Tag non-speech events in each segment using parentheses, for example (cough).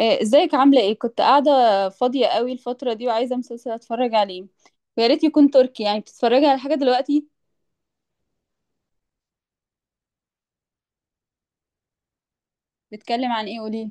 ازيك عاملة ايه؟ كنت قاعدة فاضية قوي الفترة دي وعايزة مسلسل اتفرج عليه، ويا ريت يكون تركي. يعني بتتفرجي على حاجة دلوقتي؟ بتتكلم عن ايه؟ قولي.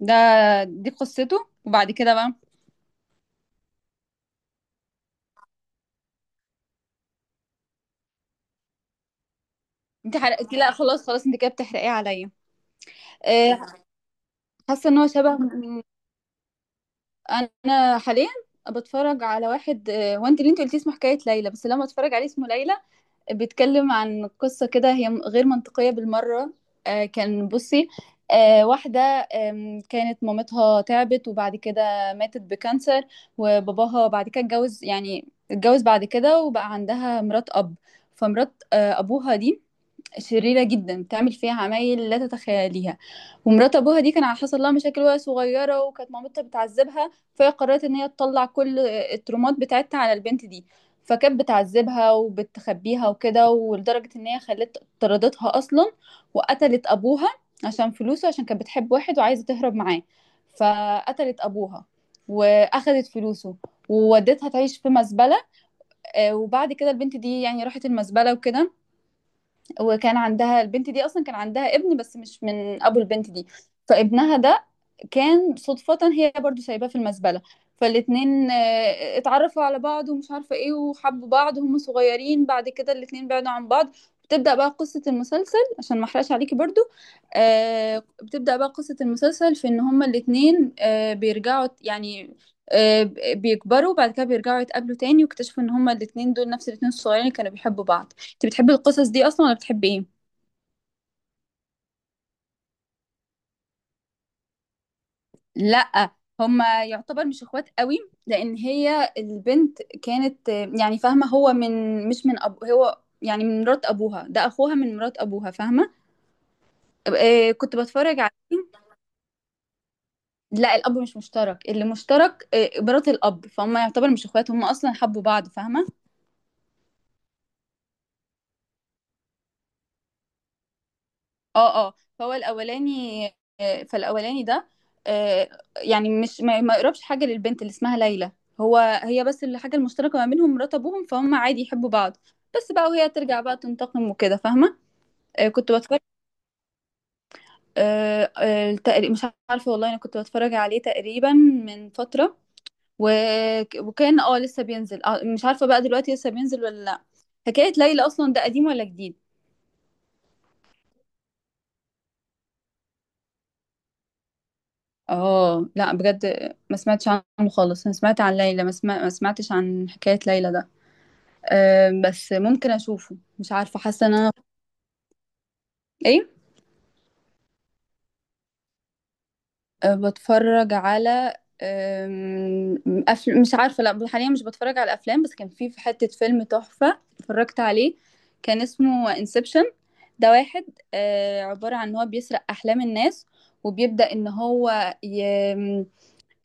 ده دي قصته وبعد كده بقى انت حرقتي؟ لا خلاص خلاص، انت كده بتحرقيه عليا. آه، حاسة ان هو شبه. انا حاليا بتفرج على واحد، هو انت اللي انت قلتيه اسمه حكاية ليلى، بس لما اتفرج عليه اسمه ليلى. بيتكلم عن قصة كده هي غير منطقية بالمرة. كان بصي، واحدة كانت مامتها تعبت وبعد كده ماتت بكانسر. وباباها بعد كده اتجوز، يعني اتجوز بعد كده وبقى عندها مرات أب. فمرات أبوها دي شريرة جدا، بتعمل فيها عمايل لا تتخيليها. ومرات ابوها دي كان حصل لها مشاكل وهي صغيرة، وكانت مامتها بتعذبها، فهي قررت ان هي تطلع كل الترومات بتاعتها على البنت دي. فكانت بتعذبها وبتخبيها وكده، ولدرجة ان هي خلت طردتها اصلا، وقتلت ابوها عشان فلوسه، عشان كانت بتحب واحد وعايزة تهرب معاه. فقتلت ابوها واخدت فلوسه وودتها تعيش في مزبلة. وبعد كده البنت دي يعني راحت المزبلة وكده. وكان عندها البنت دي اصلا كان عندها ابن، بس مش من ابو البنت دي. فابنها ده كان صدفة هي برضو سايباه في المزبلة. فالاتنين اتعرفوا على بعض ومش عارفة ايه، وحبوا بعض وهم صغيرين. بعد كده الاتنين بعدوا عن بعض. بتبدأ بقى قصة المسلسل، عشان ما احرقش عليكي برضو. آه، بتبدأ بقى قصة المسلسل في ان هما الاتنين آه بيرجعوا يعني، آه بيكبروا، بعد كده بيرجعوا يتقابلوا تاني، واكتشفوا ان هما الاتنين دول نفس الاتنين الصغيرين اللي كانوا بيحبوا بعض. انت بتحبي القصص دي اصلا ولا بتحبي ايه؟ لا، هما يعتبر مش اخوات قوي، لان هي البنت كانت يعني فاهمه هو من مش من أب، هو يعني من مرات ابوها، ده اخوها من مرات ابوها، فاهمه؟ كنت بتفرج عليه. لا الاب مش مشترك، اللي مشترك مرات الاب، فهم يعتبر مش اخوات، هم اصلا حبوا بعض، فاهمه؟ اه اه. فهو الاولاني، فالاولاني ده آه، يعني مش ما يقربش حاجه للبنت اللي اسمها ليلى. هو هي بس الحاجه المشتركه ما بينهم مرات ابوهم، فهم عادي يحبوا بعض. بس بقى وهي ترجع بقى تنتقم وكده، فاهمه؟ كنت بتفرج. مش عارفه والله، انا كنت بتفرج عليه تقريبا من فتره و... وكان اه لسه بينزل، مش عارفه بقى دلوقتي لسه بينزل ولا لا. حكايه ليلى اصلا ده قديم ولا جديد؟ اه لا بجد، ما سمعتش عنه خالص، انا سمعت عن ليلى ما سمعتش عن حكاية ليلى ده. أه بس ممكن اشوفه، مش عارفة حاسة ان انا. ايه؟ أه بتفرج على مش عارفة، لا حاليا مش بتفرج على افلام، بس كان في حتة فيلم تحفة اتفرجت عليه. كان اسمه انسبشن. ده واحد عبارة عن ان هو بيسرق احلام الناس. وبيبدأ ان هو ي...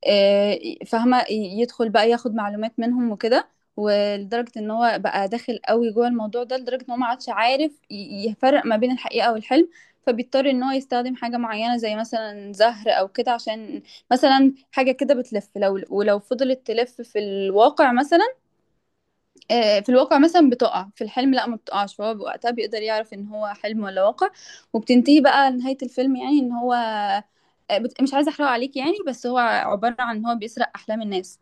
آه، فاهمة يدخل بقى ياخد معلومات منهم وكده. ولدرجة ان هو بقى داخل قوي جوه الموضوع ده، لدرجة ان هو ما عادش عارف يفرق ما بين الحقيقة والحلم. فبيضطر ان هو يستخدم حاجة معينة، زي مثلا زهر او كده، عشان مثلا حاجة كده بتلف، لو ولو فضلت تلف في الواقع مثلا، في الواقع مثلا بتقع في الحلم، لا ما بتقعش، فهو وقتها بيقدر يعرف ان هو حلم ولا واقع. وبتنتهي بقى نهاية الفيلم، يعني ان هو مش عايزة احرقه عليك يعني، بس هو عبارة عن ان هو بيسرق احلام الناس.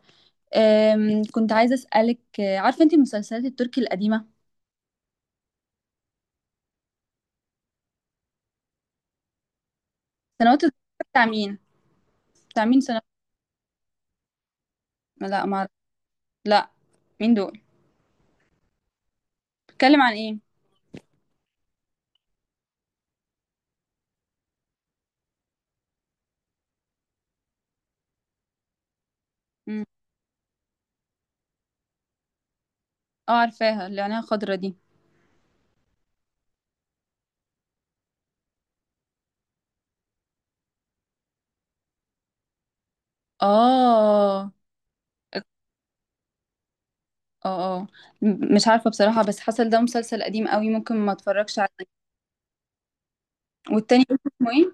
كنت عايزة اسألك، عارفة انت المسلسلات التركي القديمة؟ سنوات الضياع بتاع مين؟ بتاع مين سنوات؟ لا ما أعرف. لا، مين دول؟ بتتكلم عن ايه؟ مم. اه عارفاها، اللي عينيها خضرا دي. اه اه اه. مش عارفة بصراحة، بس حصل ده مسلسل قديم قوي، ممكن ما اتفرجش عليه. والتاني اسمه ايه؟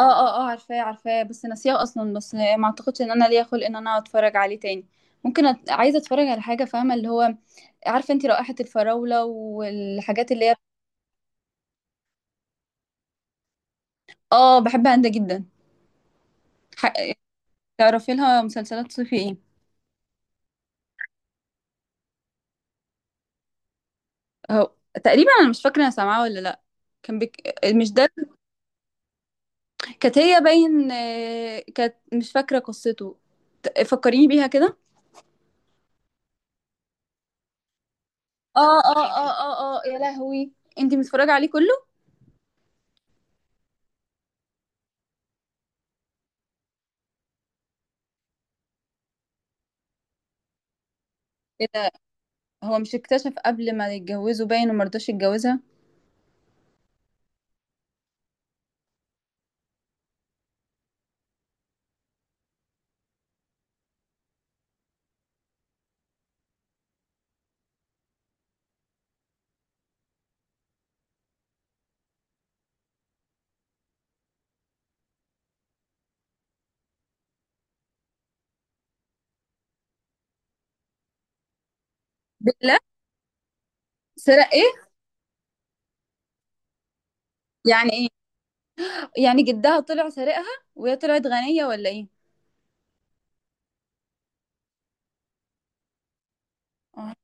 اه اه اه، عارفاه عارفاه، بس ناسياه اصلا، بس ما اعتقدش ان انا ليا خلق ان انا اتفرج عليه تاني. عايزه اتفرج على حاجه، فاهمه، اللي هو عارفه انت، رائحه الفراوله والحاجات اللي هي. اه بحبها انت جدا. ح... تعرفي لها مسلسلات صيفي ايه؟ اهو، تقريبا انا مش فاكره انا سامعاه ولا لا. كان بك... مش ده؟ كانت هي باين كانت مش فاكره قصته. فكريني بيها كده. اه اه اه اه اه، يا لهوي، انت متفرجه عليه كله؟ هو مش اكتشف قبل ما يتجوزوا باين، وما رضاش يتجوزها؟ بالله، سرق ايه؟ يعني ايه؟ يعني جدها طلع سارقها، وهي طلعت غنية ولا ايه؟ آه.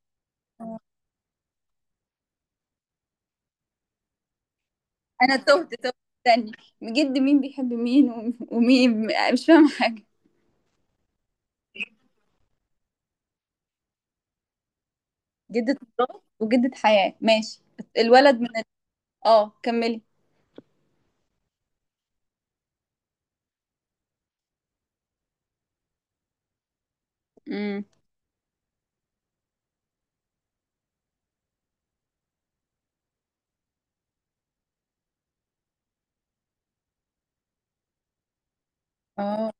انا تهت تهت، استني، جد مين بيحب مين ومين؟ مش فاهمة حاجة. جدة مرات وجدة حياة، ماشي. الولد من ال... اه كملي. امم. اه،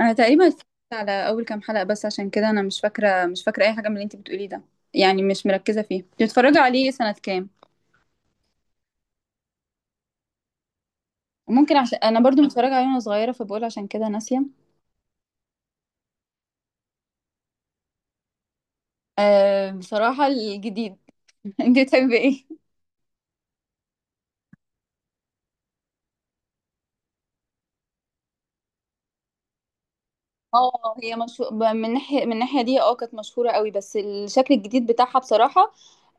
انا تقريبا اتفرجت على اول كام حلقة بس، عشان كده انا مش فاكرة، مش فاكرة اي حاجة من اللي انت بتقوليه ده. يعني مش مركزة فيه. بتتفرجي عليه سنة كام؟ ممكن عشان انا برضو متفرجه عليه وانا صغيره، فبقول عشان كده ناسيه. أه بصراحه الجديد. (laughs) انت بتحبي ايه؟ اه هي مشهور من ناحيه، من الناحيه دي اه كانت مشهوره قوي، بس الشكل الجديد بتاعها بصراحه.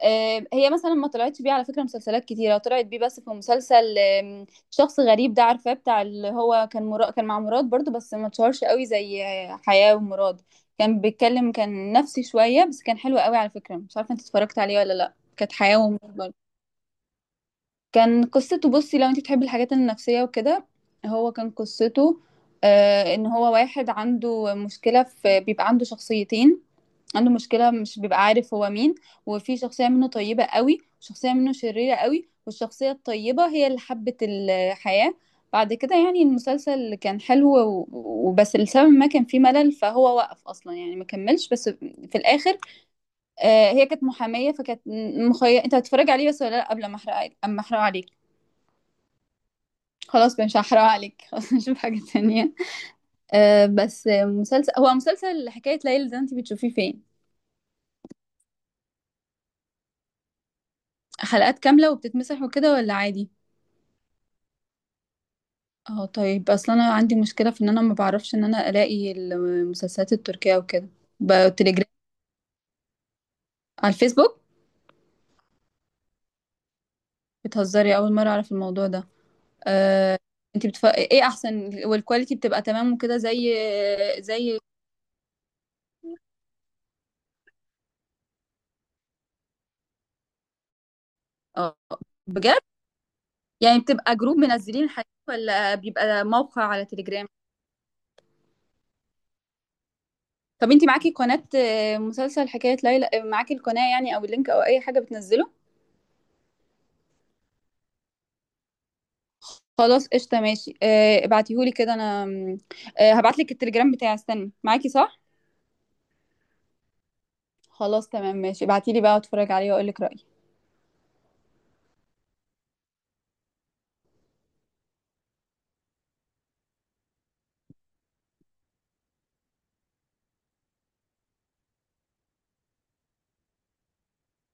أه هي مثلا ما طلعتش بيه على فكره مسلسلات كتيره، طلعت بيه بس في مسلسل، شخص غريب ده عارفاه، بتاع اللي هو كان كان مع مراد برضو، بس ما اتشهرش قوي زي حياه ومراد. كان بيتكلم، كان نفسي شويه، بس كان حلو قوي على فكره، مش عارفه انت اتفرجت عليه ولا لا، كانت حياه ومراد. كان قصته، بصي لو انت تحبي الحاجات النفسية وكده، هو كان قصته آه ان هو واحد عنده مشكلة في، بيبقى عنده شخصيتين، عنده مشكلة مش بيبقى عارف هو مين. وفي شخصية منه طيبة قوي، شخصية منه شريرة قوي، والشخصية الطيبة هي اللي حبت الحياة. بعد كده يعني المسلسل كان حلو وبس لسبب ما كان فيه ملل، فهو وقف اصلا يعني ما كملش، بس في الاخر آه هي كانت محامية فكانت انت هتتفرج عليه بس ولا لا، قبل ما احرق، اما احرق عليك. خلاص مش هحرق عليك. (laughs) خلاص نشوف حاجة تانية. أه بس مسلسل، هو مسلسل حكاية ليلى ده انتي بتشوفيه فين؟ حلقات كاملة وبتتمسح وكده ولا عادي؟ اه طيب، اصلا انا عندي مشكلة في ان انا ما بعرفش ان انا الاقي المسلسلات التركية وكده. بتليجرام؟ على الفيسبوك؟ بتهزري؟ اول مرة اعرف الموضوع ده. أه، ايه احسن؟ والكواليتي بتبقى تمام وكده، زي، زي. اه بجد؟ يعني بتبقى جروب منزلين الحاجات ولا بيبقى موقع على تليجرام؟ طب انتي معاكي قناة، مسلسل حكاية ليلى، معاكي القناة يعني او اللينك او اي حاجة بتنزله؟ خلاص قشطة ماشي، ابعتيهولي كده، انا م، هبعتلك التليجرام بتاعي، استني، معاكي صح؟ خلاص تمام ماشي، ابعتيلي بقى اتفرج عليه واقولك رأيي.